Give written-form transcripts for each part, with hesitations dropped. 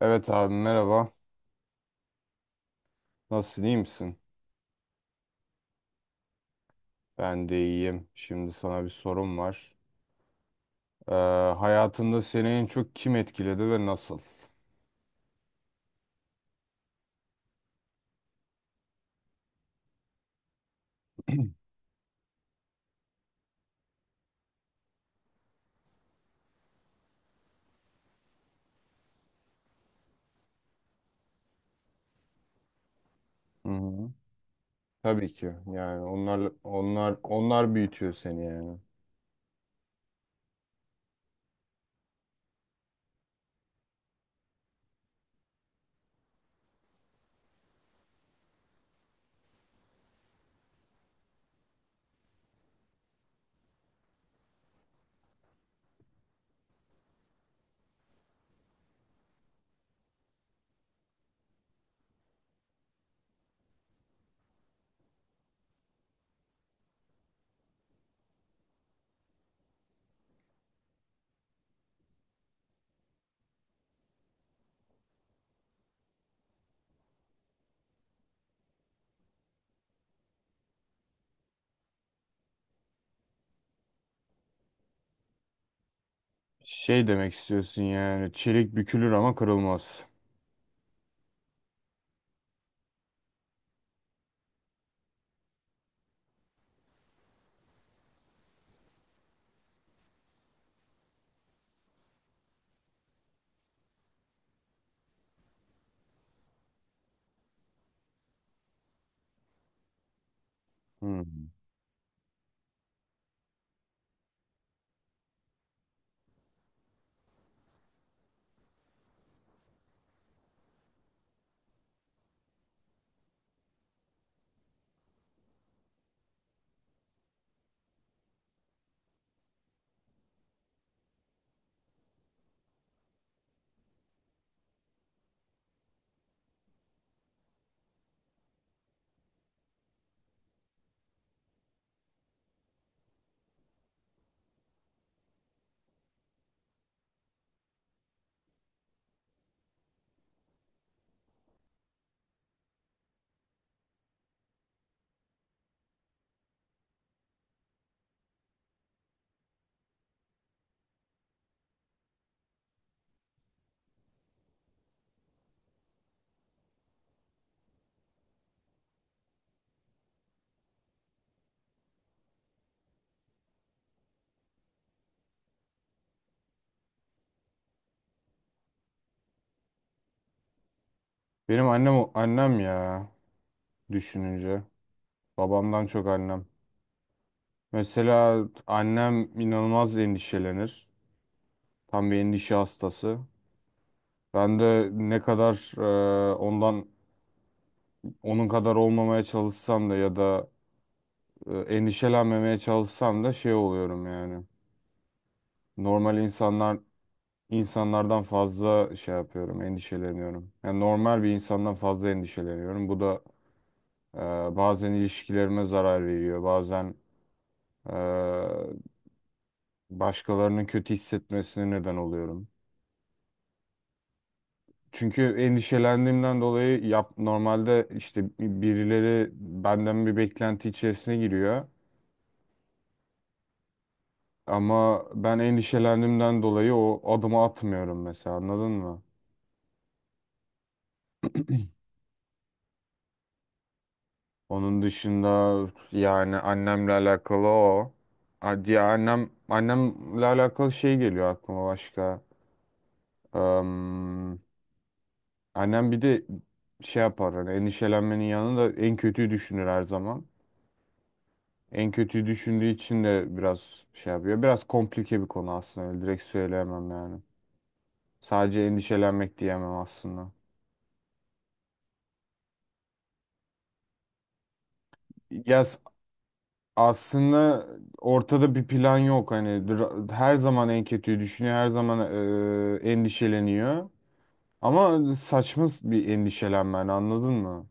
Evet abi, merhaba. Nasılsın, iyi misin? Ben de iyiyim. Şimdi sana bir sorum var. Ee, Hayatında seni en çok kim etkiledi ve nasıl? Hı hı. Tabii ki. Yani onlar büyütüyor seni yani. Şey demek istiyorsun, yani çelik bükülür ama kırılmaz. Hı hı. Benim annem ya, düşününce. Babamdan çok annem. Mesela annem inanılmaz endişelenir. Tam bir endişe hastası. Ben de ne kadar ondan onun kadar olmamaya çalışsam da ya da endişelenmemeye çalışsam da şey oluyorum yani. Normal insanlar insanlardan fazla şey yapıyorum, endişeleniyorum. Yani normal bir insandan fazla endişeleniyorum. Bu da e, bazen ilişkilerime zarar veriyor. Bazen e, başkalarının kötü hissetmesine neden oluyorum. Çünkü endişelendiğimden dolayı normalde işte birileri benden bir beklenti içerisine giriyor. Ama ben endişelendiğimden dolayı o adımı atmıyorum mesela, anladın mı? Onun dışında yani annemle alakalı o. Diye annemle alakalı şey geliyor aklıma başka. Am, Annem bir de şey yapar, hani endişelenmenin yanında en kötüyü düşünür her zaman. En kötüyü düşündüğü için de biraz şey yapıyor. Biraz komplike bir konu aslında. Öyle direkt söyleyemem yani. Sadece endişelenmek diyemem aslında. Ya s- Aslında ortada bir plan yok. Her zaman en kötüyü düşünüyor. Her zaman endişeleniyor. Ama saçma bir endişelenme yani, anladın mı?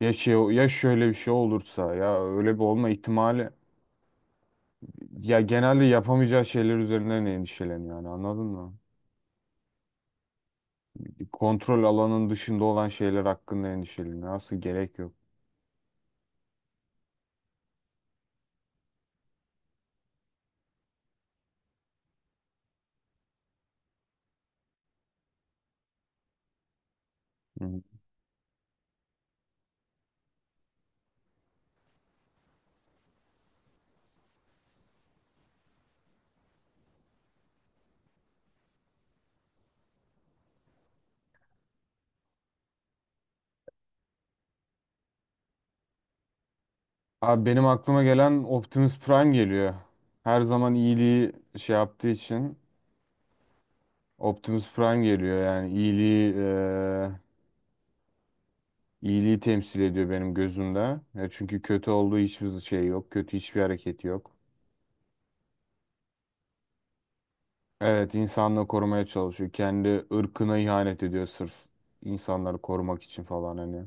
Ya şey, ya şöyle bir şey olursa, ya öyle bir olma ihtimali, ya genelde yapamayacağı şeyler üzerinden endişeleniyor yani, anladın mı? Kontrol alanın dışında olan şeyler hakkında endişeleniyor. Aslında gerek yok. Hı. Abi benim aklıma gelen Optimus Prime geliyor. Her zaman iyiliği şey yaptığı için Optimus Prime geliyor. Yani iyiliği iyiliği temsil ediyor benim gözümde. Ya çünkü kötü olduğu hiçbir şey yok. Kötü hiçbir hareketi yok. Evet, insanlığı korumaya çalışıyor. Kendi ırkına ihanet ediyor sırf insanları korumak için falan hani.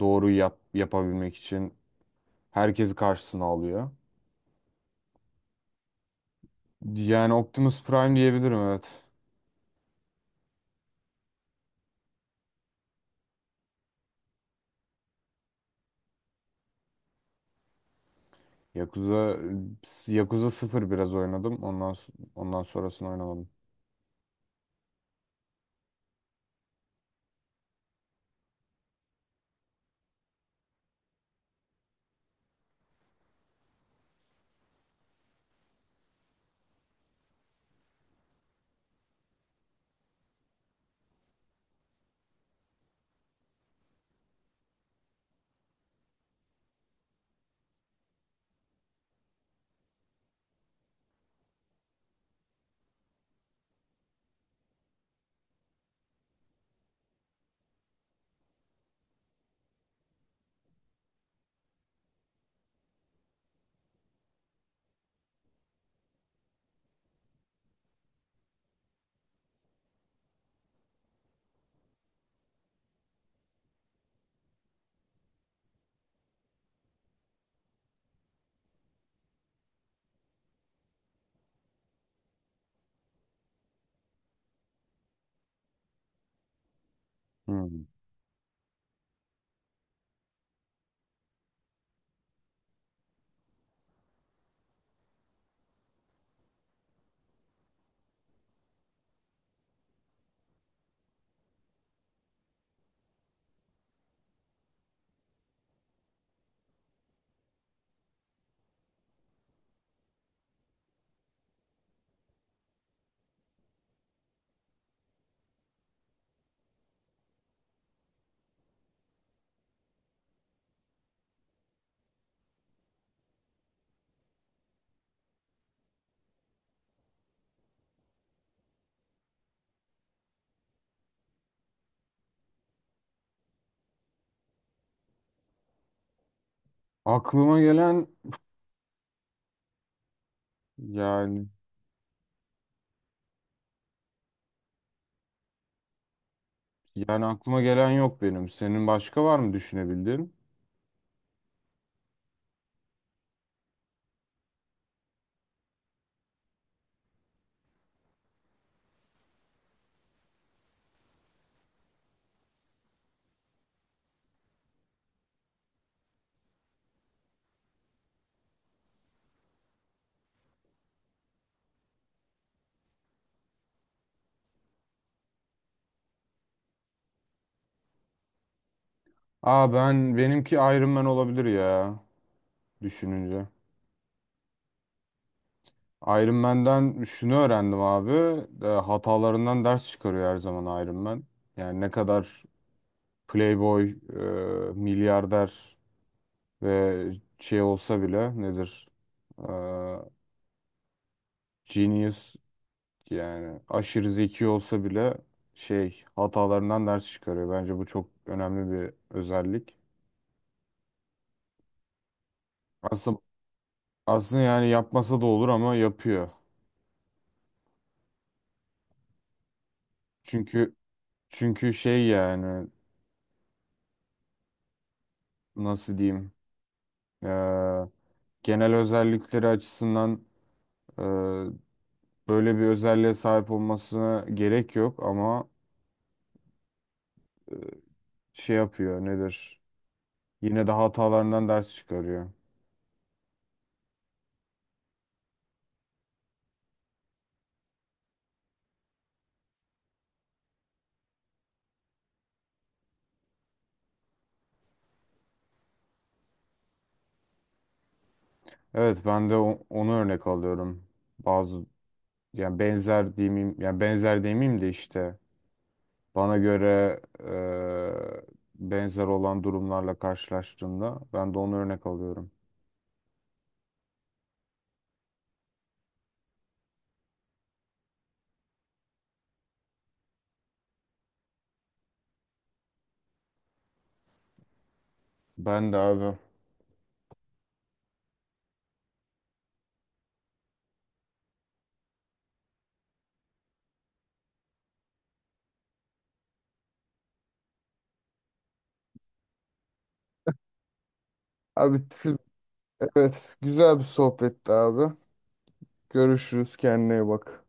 Yapabilmek için herkesi karşısına alıyor. Yani Optimus Prime diyebilirim, evet. Yakuza Yakuza sıfır biraz oynadım. Ondan sonrasını oynamadım. Hmm. Aklıma gelen yani, aklıma gelen yok benim. Senin başka var mı düşünebildiğin? Aa, ben benimki Iron Man olabilir ya, düşününce. Iron Man'den şunu öğrendim abi. Hatalarından ders çıkarıyor her zaman Iron Man. Yani ne kadar playboy, milyarder ve şey olsa bile, nedir? Ee, Genius, yani aşırı zeki olsa bile şey, hatalarından ders çıkarıyor. Bence bu çok önemli bir özellik. Aslında aslında yani yapmasa da olur ama yapıyor. Çünkü çünkü şey yani, nasıl diyeyim? Ee, Genel özellikleri açısından e, böyle bir özelliğe sahip olmasına gerek yok ama şey yapıyor, nedir? Yine de hatalarından ders çıkarıyor. Evet, ben de onu örnek alıyorum. Bazı yani benzer diyeyim, yani benzer demeyeyim de işte bana göre benzer olan durumlarla karşılaştığımda ben de onu örnek alıyorum. Ben de abi. Abi t- evet, güzel bir sohbetti abi. Görüşürüz, kendine iyi bak.